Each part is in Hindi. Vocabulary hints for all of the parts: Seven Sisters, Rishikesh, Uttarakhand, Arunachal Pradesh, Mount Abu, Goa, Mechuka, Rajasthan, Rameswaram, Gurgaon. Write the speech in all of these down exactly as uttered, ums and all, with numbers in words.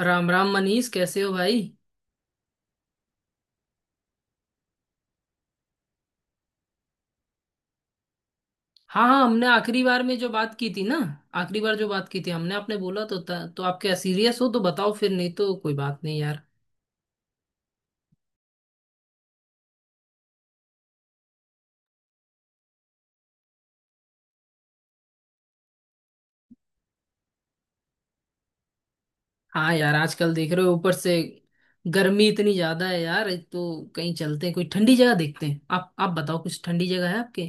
राम राम मनीष, कैसे हो भाई। हाँ हाँ, हमने आखिरी बार में जो बात की थी ना, आखिरी बार जो बात की थी हमने, आपने बोला तो था, तो आप क्या सीरियस हो तो बताओ, फिर नहीं तो कोई बात नहीं यार। हाँ यार, आजकल देख रहे हो, ऊपर से गर्मी इतनी ज्यादा है यार। तो कहीं चलते हैं, कोई ठंडी जगह देखते हैं। आप आप बताओ, कुछ ठंडी जगह है आपके।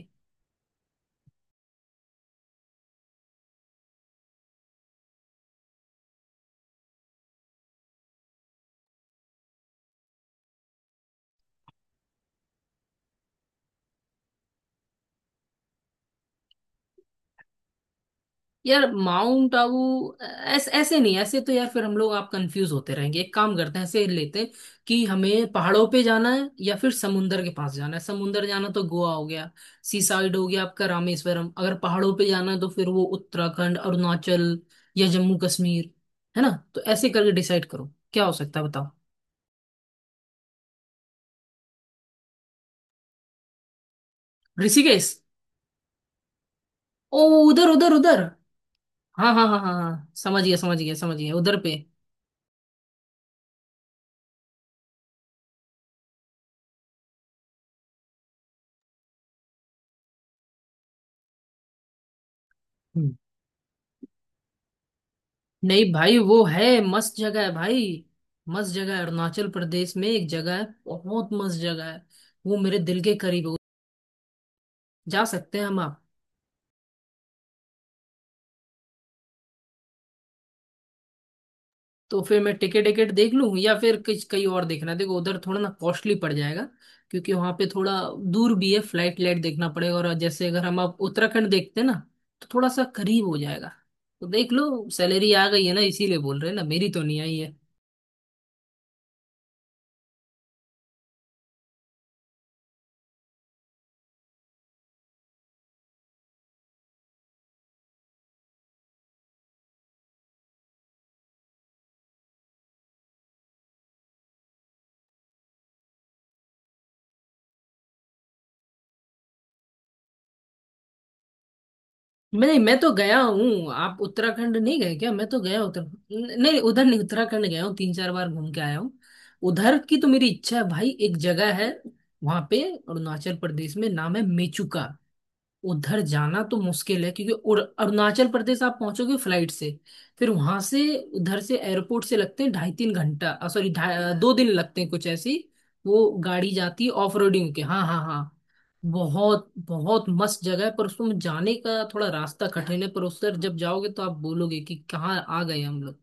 यार माउंट आबू। ऐसे ऐसे नहीं, ऐसे तो यार फिर हम लोग आप कंफ्यूज होते रहेंगे। एक काम करते हैं, ऐसे लेते हैं कि हमें पहाड़ों पे जाना है या फिर समुंदर के पास जाना है। समुंदर जाना तो गोवा हो गया, सी साइड हो गया, आपका रामेश्वरम। अगर पहाड़ों पे जाना है तो फिर वो उत्तराखंड, अरुणाचल या जम्मू कश्मीर, है ना। तो ऐसे करके डिसाइड करो, क्या हो सकता है बताओ। ऋषिकेश। ओ, उधर उधर उधर। हाँ हाँ हाँ हाँ हाँ, समझ गया समझ गया समझ गया उधर पे। नहीं भाई, वो है मस्त जगह है भाई। मस्त जगह है, अरुणाचल प्रदेश में एक जगह है, बहुत मस्त जगह है। वो मेरे दिल के करीब है, जा सकते हैं हम आप। तो फिर मैं टिकट टिकट देख लूँ या फिर कुछ कहीं और देखना है। देखो, उधर थोड़ा ना कॉस्टली पड़ जाएगा, क्योंकि वहां पे थोड़ा दूर भी है, फ्लाइट लाइट देखना पड़ेगा। और जैसे अगर हम आप उत्तराखंड देखते हैं ना, तो थोड़ा सा करीब हो जाएगा। तो देख लो, सैलरी आ गई है ना, इसीलिए बोल रहे हैं ना, मेरी तो नहीं आई है। मैं नहीं, मैं तो गया हूँ। आप उत्तराखंड नहीं गए क्या? मैं तो गया उत्तर न- नहीं, उधर नहीं, उत्तराखंड गया हूँ, तीन चार बार घूम के आया हूँ। उधर की तो मेरी इच्छा है भाई, एक जगह है वहां पे, अरुणाचल प्रदेश में, नाम है मेचुका। उधर जाना तो मुश्किल है, क्योंकि उर- अरुणाचल प्रदेश आप पहुंचोगे फ्लाइट से, फिर वहां से, उधर से एयरपोर्ट से लगते हैं ढाई तीन घंटा, सॉरी, दो दिन लगते हैं, कुछ ऐसी वो गाड़ी जाती है ऑफ रोडिंग के। हाँ हाँ हाँ। बहुत बहुत मस्त जगह है, पर उसमें जाने का थोड़ा रास्ता कठिन है, पर उससे जब जाओगे तो आप बोलोगे कि कहाँ आ गए हम लोग।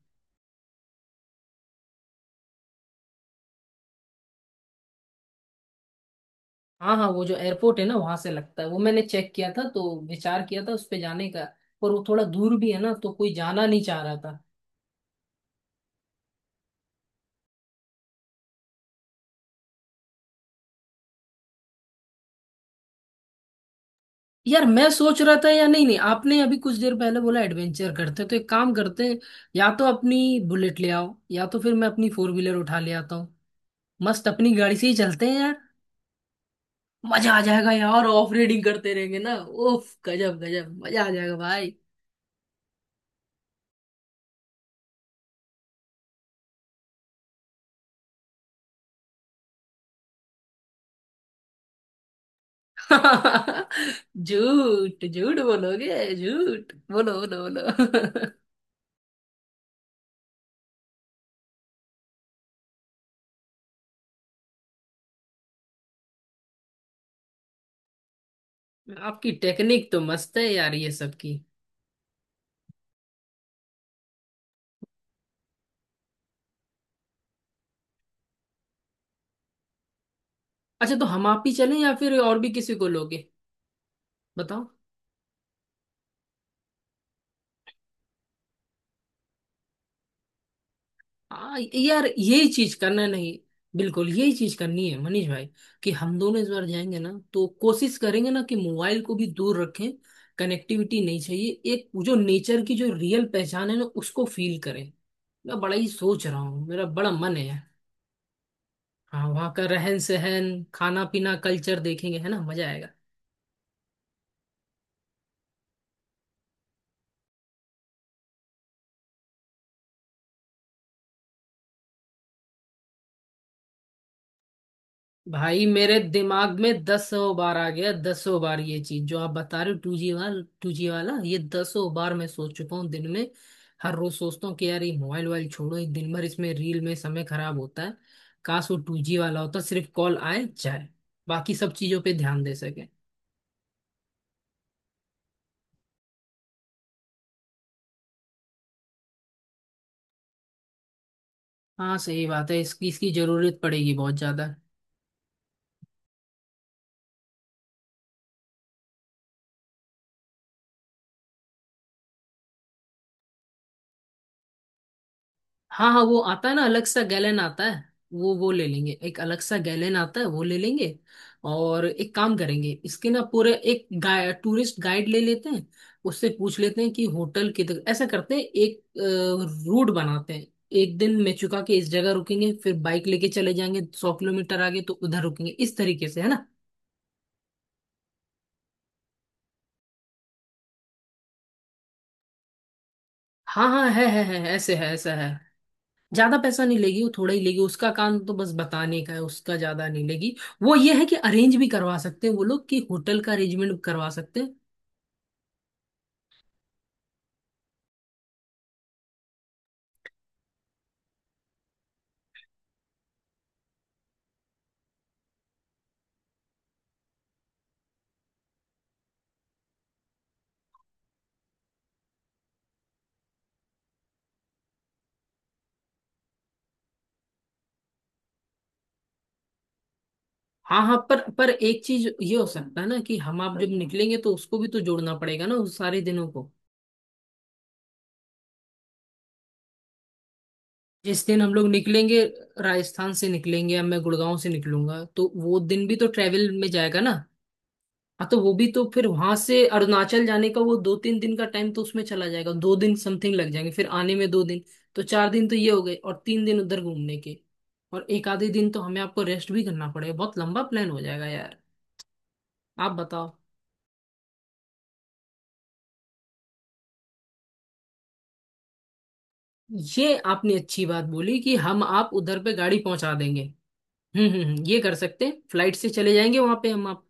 हाँ हाँ, वो जो एयरपोर्ट है ना, वहां से लगता है। वो मैंने चेक किया था, तो विचार किया था उस पे जाने का, पर वो थोड़ा दूर भी है ना, तो कोई जाना नहीं चाह रहा था। यार मैं सोच रहा था, या नहीं नहीं, आपने अभी कुछ देर पहले बोला एडवेंचर करते हैं, तो एक काम करते हैं। या तो अपनी बुलेट ले आओ या तो फिर मैं अपनी फोर व्हीलर उठा ले आता हूँ। मस्त अपनी गाड़ी से ही चलते हैं यार। मजा आ जाएगा यार, ऑफ रेडिंग करते रहेंगे ना, उफ गजब गजब मजा आ जाएगा भाई। झूठ झूठ बोलोगे, झूठ बोलो बोलो बोलो। आपकी टेक्निक तो मस्त है यार, ये सब की। अच्छा, तो हम आप ही चलें या फिर और भी किसी को लोगे, बताओ। आ, यार यही चीज करना, नहीं बिल्कुल यही चीज करनी है मनीष भाई। कि हम दोनों इस बार जाएंगे ना, तो कोशिश करेंगे ना कि मोबाइल को भी दूर रखें। कनेक्टिविटी नहीं चाहिए, एक जो नेचर की जो रियल पहचान है ना, उसको फील करें। मैं बड़ा ही सोच रहा हूँ, मेरा बड़ा मन है। हाँ, वहाँ का रहन सहन खाना पीना कल्चर देखेंगे, है ना, मजा आएगा। भाई मेरे दिमाग में दसों बार आ गया, दसों बार ये चीज जो आप बता रहे हो, टू जी वाला टू जी वाला, ये दसों बार मैं सोच चुका हूँ दिन में। हर रोज सोचता हूँ कि यार ये मोबाइल वोबाइल छोड़ो, ये दिन भर इसमें रील में समय खराब होता है। काश वो टू जी वाला होता, सिर्फ कॉल आए जाए, बाकी सब चीजों पे ध्यान दे सके। हाँ सही बात है। इसकी इसकी जरूरत पड़ेगी बहुत ज्यादा। हाँ हाँ, वो आता है ना, अलग सा गैलन आता है। वो वो ले लेंगे, एक अलग सा गैलन आता है, वो ले लेंगे। और एक काम करेंगे, इसके ना पूरे एक गाय टूरिस्ट गाइड ले लेते हैं, उससे पूछ लेते हैं कि होटल किधर। ऐसा करते हैं, एक रूट बनाते हैं। एक दिन मेचुका के इस जगह रुकेंगे, फिर बाइक लेके चले जाएंगे सौ किलोमीटर आगे, तो उधर रुकेंगे इस तरीके से, है ना। हाँ हाँ, है है है, ऐसे है, ऐसा है। ज्यादा पैसा नहीं लेगी, वो थोड़ा ही लेगी, उसका काम तो बस बताने का है, उसका ज्यादा नहीं लेगी। वो ये है कि अरेंज भी करवा सकते हैं वो लोग, कि होटल का अरेंजमेंट करवा सकते हैं। हाँ हाँ, पर पर एक चीज ये हो सकता है ना कि हम आप जब निकलेंगे, तो उसको भी तो जोड़ना पड़ेगा ना उस सारे दिनों को। जिस दिन हम लोग निकलेंगे, राजस्थान से निकलेंगे या मैं गुड़गांव से निकलूंगा, तो वो दिन भी तो ट्रेवल में जाएगा ना। हाँ, तो वो भी तो फिर वहां से अरुणाचल जाने का वो दो तीन दिन का टाइम तो उसमें चला जाएगा। दो दिन समथिंग लग जाएंगे, फिर आने में दो दिन। तो चार दिन तो ये हो गए, और तीन दिन उधर घूमने के, और एक आधे दिन तो हमें आपको रेस्ट भी करना पड़ेगा। बहुत लंबा प्लान हो जाएगा यार। आप बताओ। ये आपने अच्छी बात बोली कि हम आप उधर पे गाड़ी पहुंचा देंगे। हम्म हम्म हम्म, ये कर सकते हैं, फ्लाइट से चले जाएंगे वहां पे हम आप।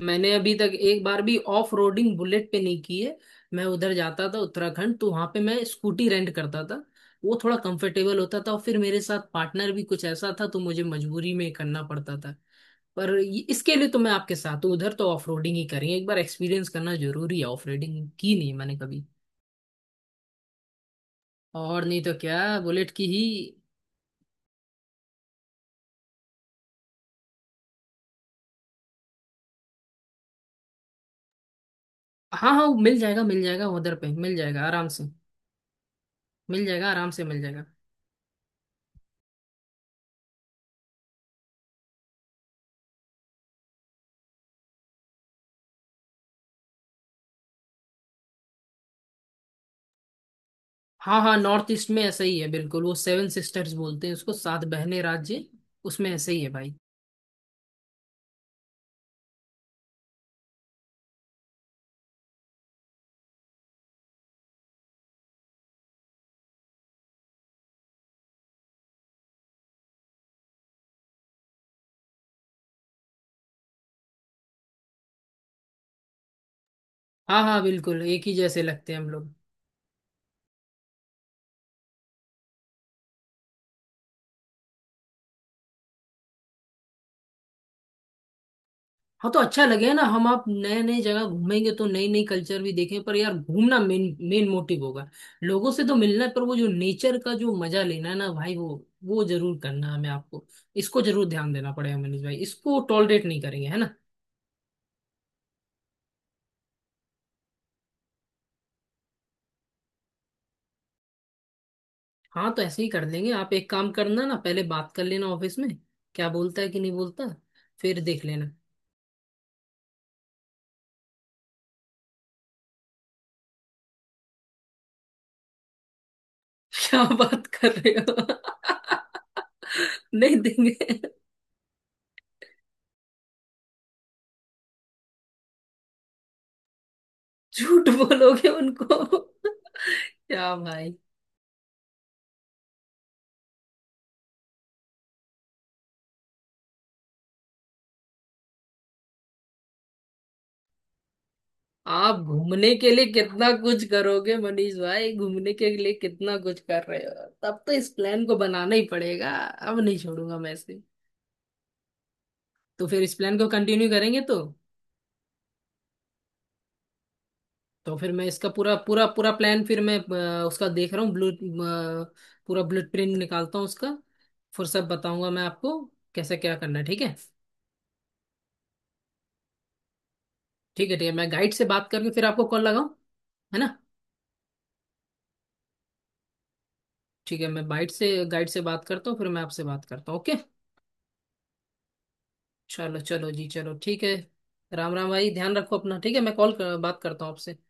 मैंने अभी तक एक बार भी ऑफ रोडिंग बुलेट पे नहीं की है। मैं उधर जाता था उत्तराखंड, तो वहां पे मैं स्कूटी रेंट करता था। वो थोड़ा कंफर्टेबल होता था, और फिर मेरे साथ पार्टनर भी कुछ ऐसा था, तो मुझे मजबूरी में करना पड़ता था। पर ये- इसके लिए तो मैं आपके साथ हूँ, उधर तो ऑफ रोडिंग ही करेंगे। एक बार एक्सपीरियंस करना जरूरी है ऑफ रोडिंग की, नहीं मैंने कभी। और नहीं तो क्या, बुलेट की ही। हाँ हाँ, मिल जाएगा मिल जाएगा, उधर पे मिल जाएगा आराम से। मिल जाएगा आराम से, मिल जाएगा। हाँ हाँ, नॉर्थ ईस्ट में ऐसा ही है, बिल्कुल। वो सेवन सिस्टर्स बोलते हैं उसको, सात बहने राज्य, उसमें ऐसे ही है भाई। हाँ हाँ बिल्कुल, एक ही जैसे लगते हैं हम लोग। हाँ, तो अच्छा लगे ना, हम आप नए नए जगह घूमेंगे तो नई नई कल्चर भी देखें। पर यार घूमना मेन मेन मोटिव होगा। लोगों से तो मिलना है, पर वो जो नेचर का जो मजा लेना है ना भाई, वो वो जरूर करना है हमें आपको। इसको जरूर ध्यान देना पड़ेगा मनीष भाई, इसको टॉलरेट नहीं करेंगे, है ना। हाँ, तो ऐसे ही कर देंगे। आप एक काम करना ना, पहले बात कर लेना ऑफिस में क्या बोलता है कि नहीं बोलता, फिर देख लेना। क्या बात कर रहे हो? नहीं देंगे। झूठ बोलोगे उनको? क्या भाई, आप घूमने के लिए कितना कुछ करोगे मनीष भाई, घूमने के लिए कितना कुछ कर रहे हो। तब तो इस प्लान को बनाना ही पड़ेगा, अब नहीं छोड़ूंगा मैं इसे। तो फिर इस प्लान को कंटिन्यू करेंगे तो। तो फिर मैं इसका पूरा पूरा पूरा प्लान, फिर मैं अ, उसका देख रहा हूँ। ब्लू पूरा ब्लूप्रिंट निकालता हूँ उसका, फिर सब बताऊंगा मैं आपको कैसे क्या करना है, ठीक है। ठीक है ठीक है, मैं गाइड से बात करके फिर आपको कॉल लगाऊं, है ना। ठीक है, मैं गाइड से गाइड से बात करता हूँ, फिर मैं आपसे बात करता हूँ, ओके। चलो चलो जी, चलो ठीक है। राम राम भाई, ध्यान रखो अपना, ठीक है, मैं कॉल कर, बात करता हूँ आपसे।